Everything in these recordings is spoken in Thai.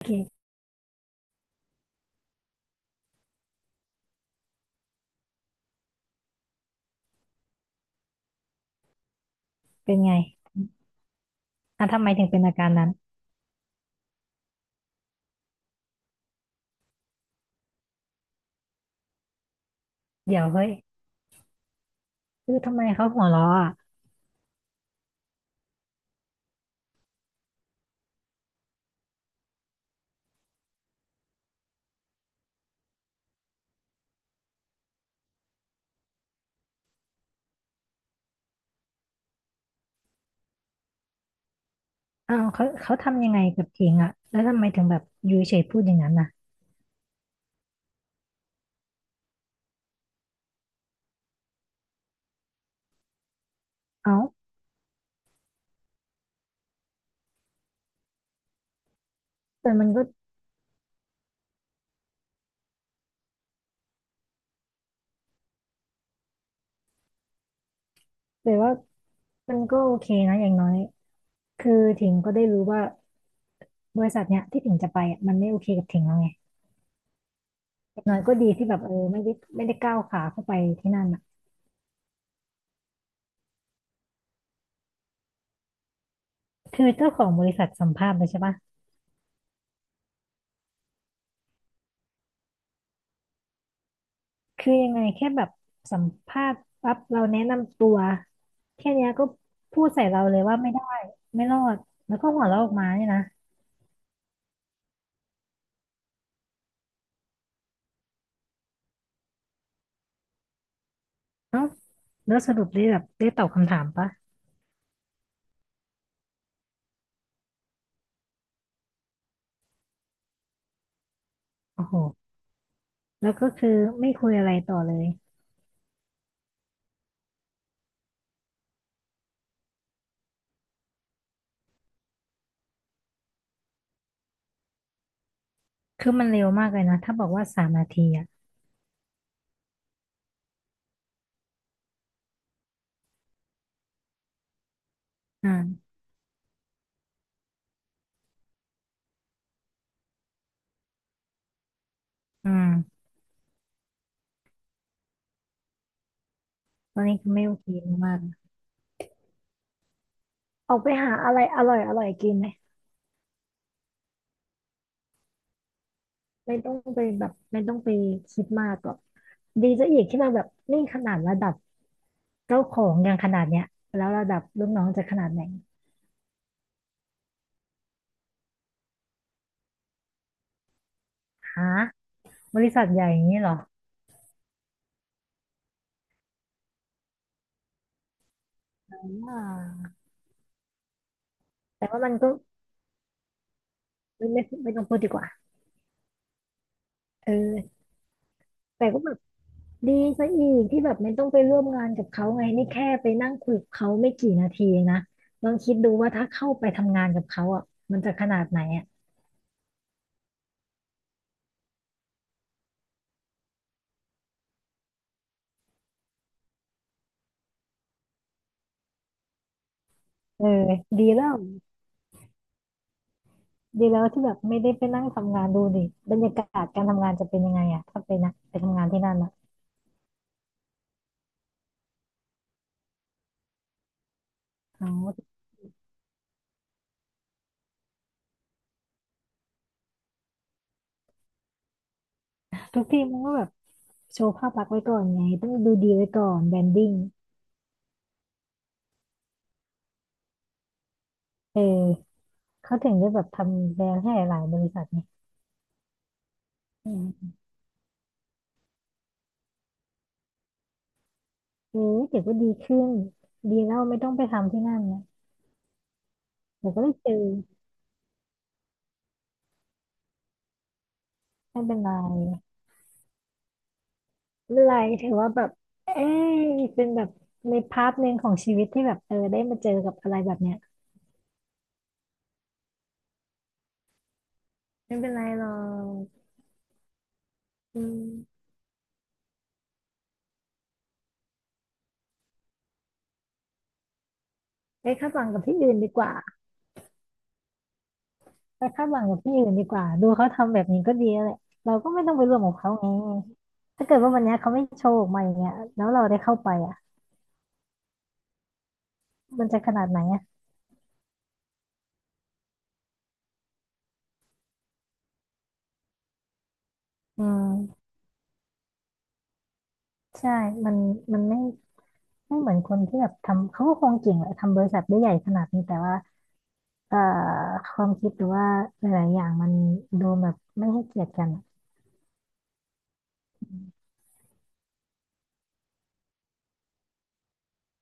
โอเคเป็นไงอ่ะทำไมถึงเป็นอาการนั้น เดี๋ยวเฮ้ยคือทำไมเขาหัวเราะอ่ะอ้าวเขาทำยังไงกับเองอ่ะแล้วทำไมถึงแบบอยู่เฉยๆพูดอย่างนั้นน่ะเอ้าแต่มันก็แต่ว่ามันก็โอเคนะอย่างน้อยคือถิงก็ได้รู้ว่าบริษัทเนี้ยที่ถิงจะไปอ่ะมันไม่โอเคกับถิงแล้วไงอย่างน้อยก็ดีที่แบบเออไม่ได้ก้าวขาเข้าไปที่นั่นอ่ะคือเจ้าของบริษัทสัมภาษณ์เลยใช่ปะ คือยังไงแค่แบบสัมภาษณ์ปั๊บเราแนะนำตัวแค่เนี้ยก็พูดใส่เราเลยว่าไม่ได้ไม่รอดแล้วก็หัวเราะออกมาเนี่ยนะเอ้าแล้วสรุปได้แบบได้ตอบคำถามปะโอ้โหแล้วก็คือไม่คุยอะไรต่อเลยคือมันเร็วมากเลยนะถ้าบอกว่าสามนาทีอ่ะอ่าอืมตอนนี้คือไม่โอเคมากๆออกไปหาอะไรอร่อยอร่อยกินไหมไม่ต้องไปคิดมากหรอก ดีซะอีกที่มาแบบนี่ขนาดระดับเจ้าของยังขนาดเนี้ยแล้วระดับลูกน้องจะขนาดไหนฮะบริษัทใหญ่อย่างนี้เหรออ่าแต่ว่ามันก็ไม่ต้องพูดดีกว่าเออแต่ก็แบบดีซะอีกที่แบบไม่ต้องไปร่วมงานกับเขาไงนี่แค่ไปนั่งคุยกับเขาไม่กี่นาทีเองนะลองคิดดูว่าถ้าเข้าไปทำงานกับเขาอ่ะมันจะขนาดไหนอ่ะเออดีแล้วดีแล้วที่แบบไม่ได้ไปนั่งทำงานดูดิบรรยากาศการทำงานจะเป็นยังไงอ่ะถ้าไปนะไปทำงานที่นั่นอ่ะอ๋อ ทุกทีมมันก็แบบโชว์ภาพลักษณ์ไว้ก่อนไงต้องดูดีไว้ก่อนแบรนดิ้งเออเขาถึงจะแบบทำแบรนด์ให้หลายๆบริษัทไงอืมเออเดี๋ยวก็ดีขึ้นดีแล้วไม่ต้องไปทำที่นั่นนะเดี๋ยวก็ได้เจอไม่เป็นไรไม่เป็นไรถือว่าแบบเอ้ยเป็นแบบในพาร์ทหนึ่งของชีวิตที่แบบเออได้มาเจอกับอะไรแบบเนี้ยไม่เป็นไรหรอกอืมไปคาดหวังกับที่อื่นดีกว่า ไปคาดหวังกับที่อื่นดีกว่าดูเขาทำแบบนี้ก็ดีแล้วแหละเราก็ไม่ต้องไปร่วมกับเขาไงถ้าเกิดว่าวันเนี้ยเขาไม่โชว์ออกมาอย่างเงี้ยแล้วเราได้เข้าไปอ่ะมันจะขนาดไหนอ่ะอืมใช่มันมันไม่ไม่เหมือนคนที่แบบทำเขาก็คงเก่งแหละทำบริษัทได้ใหญ่ขนาดนี้แต่ว่าเอ่อความคิดหรือว่าหลายๆอย่างมันดูแบบไม่ให้เกียรติกันอะ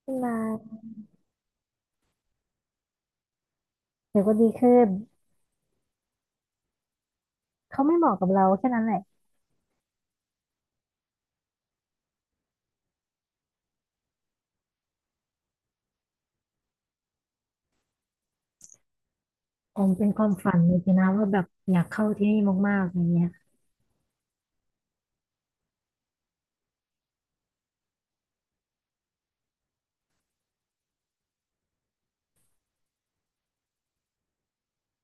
ขึ้นมาเดี๋ยวก็ดีขึ้นเขาไม่เหมาะกับเราแค่นั้นแหละผมเป็นความฝันเลยนะว่าแบบอยากเข้าที่นี่มากๆอย่างเงี้ย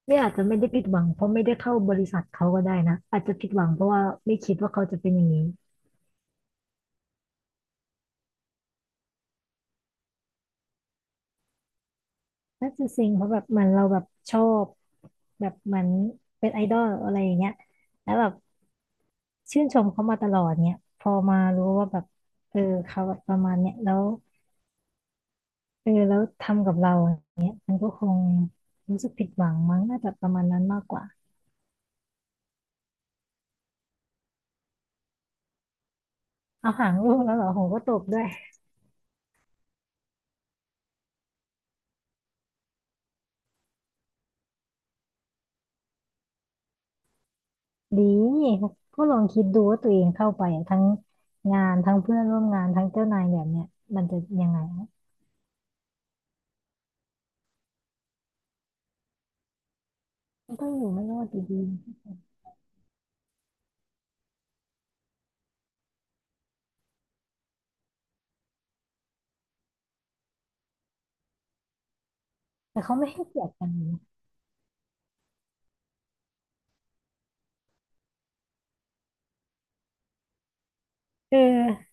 เนี่ยอาจจะไม่ได้ผิดหวังเพราะไม่ได้เข้าบริษัทเขาก็ได้นะอาจจะผิดหวังเพราะว่าไม่คิดว่าเขาจะเป็นอย่างนี้น่าจะเซ็งเพราะแบบเหมันเราแบบชอบแบบเหมันเป็นไอดอลอะไรอย่างเงี้ยแล้วแบบชื่นชมเขามาตลอดเนี่ยพอมารู้ว่าแบบเออเขาแบบประมาณเนี้ยแล้วเออแล้วทำกับเราอย่างเงี้ยมันก็คงรู้สึกผิดหวังมั้งน่าจะประมาณนั้นมากกว่าเอาหางลูกแล้วเหรอโหก็ตบด้วย ดีก็ลองคิดดูว่าตัวเองเข้าไปอะทั้งงานทั้งเพื่อนร่วมงานทั้งเจ้านายแบบเนี้ยมันจะยังไงวะมันต้องอยู่ไม่รอดอยู่ดีแต่เขาไม่ให้เกียรติกันนะเออ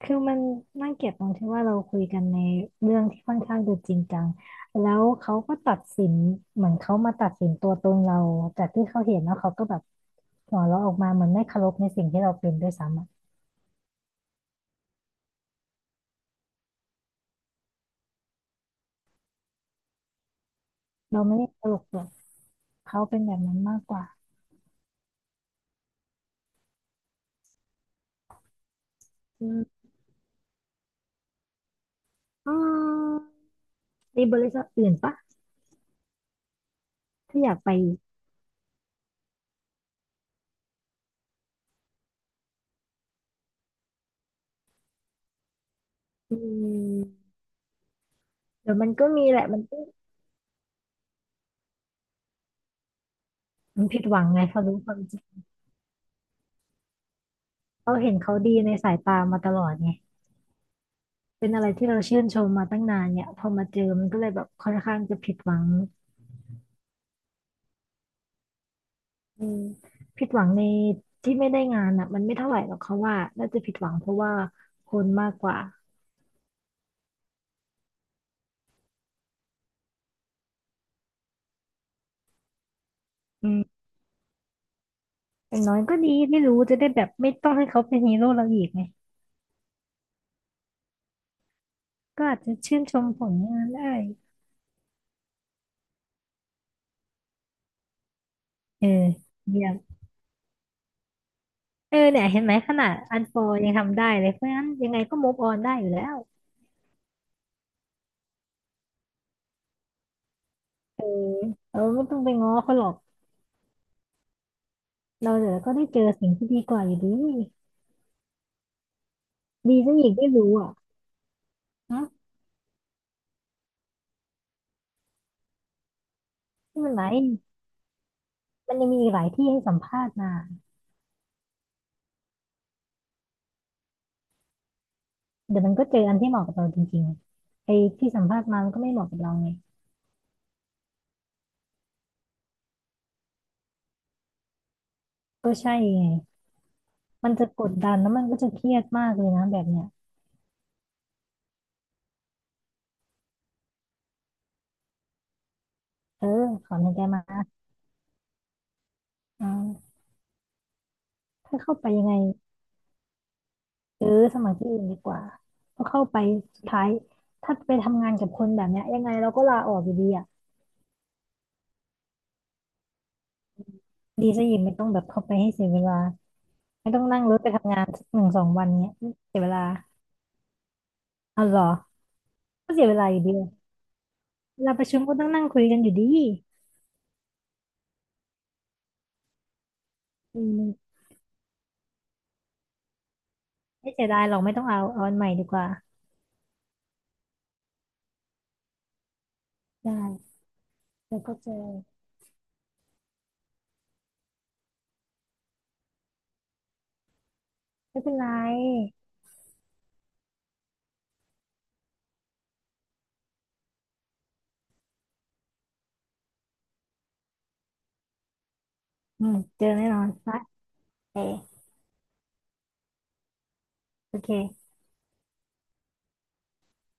คือมันน่าเกลียดตรงที่ว่าเราคุยกันในเรื่องที่ค่อนข้างจะจริงจังแล้วเขาก็ตัดสินเหมือนเขามาตัดสินตัวตนเราจากที่เขาเห็นแล้วเขาก็แบบหัวเราะออกมาเหมือนไม่เคารพในสิ่งที่เราเป็นด้วยซ้ำอะเราไม่ได้เคารพหรอกเขาเป็นแบบนั้นมากกว่าอืมอืมมีบริษัทอื่นปะ ถ้าอยากไปอืมเดี๋ยวมันก็มีแหละมันก็มันผิดหวังไงเขารู้ความจริงเราเห็นเขาดีในสายตามาตลอดไงเป็นอะไรที่เราชื่นชมมาตั้งนานเนี่ยพอมาเจอมันก็เลยแบบค่อนข้างจะผิดหวังอืมผิดหวังในที่ไม่ได้งานอ่ะมันไม่เท่าไหร่หรอกเขาว่าน่าจะผิดหวังเพราะว่าคนมากกว่าอืมอย่างน้อยก็ดีไม่รู้จะได้แบบไม่ต้องให้เขาเป็นฮีโร่เราอีกไงก็อาจจะชื่นชมผลงานได้เออเยี่ยม เออเนี่ยเห็นไหมขนาดอันฟอยังทำได้เลยเพราะงั้นยังไงก็มูฟออนได้อยู่แล้วเออเราไม่ต้องไปง้อเขาหรอกเราเดี๋ยวก็ได้เจอสิ่งที่ดีกว่าอยู่ดีดีซะอีกได้รู้อ่ะฮะไม่เป็นไรมันยังมีอีกหลายที่ให้สัมภาษณ์มาเดี๋ยวมันก็เจออันที่เหมาะกับเราจริงๆไอ้ที่สัมภาษณ์มามันก็ไม่เหมาะกับเราไงก็ใช่ไงมันจะกดดันแล้วมันก็จะเครียดมากเลยนะแบบเนี้ยเออถอนหายใจมาอ่าถ้าเข้าไปยังไง เออสมัครที่อื่นดีกว่าเพราะเข้าไปสุดท้ายถ้าไปทำงานกับคนแบบเนี้ยยังไงเราก็ลาออกอยู่ดีอ่ะดีซะอีกไม่ต้องแบบเข้าไปให้เสียเวลาไม่ต้องนั่งรถไปทำงานสักหนึ่งสองวันเนี้ยเสียเวลาเอาเหรอก็เสียเวลาอยู่ดีเวลาประชุมก็ต้องนั่งคุยกันอยู่ดีอืมไม่เสียดายหรอกไม่ต้องเอาอันใหม่ดีกว่าได้แล้วก็เจอไม่เป็นไรอืมเจอแน่นอนนะเออโอเค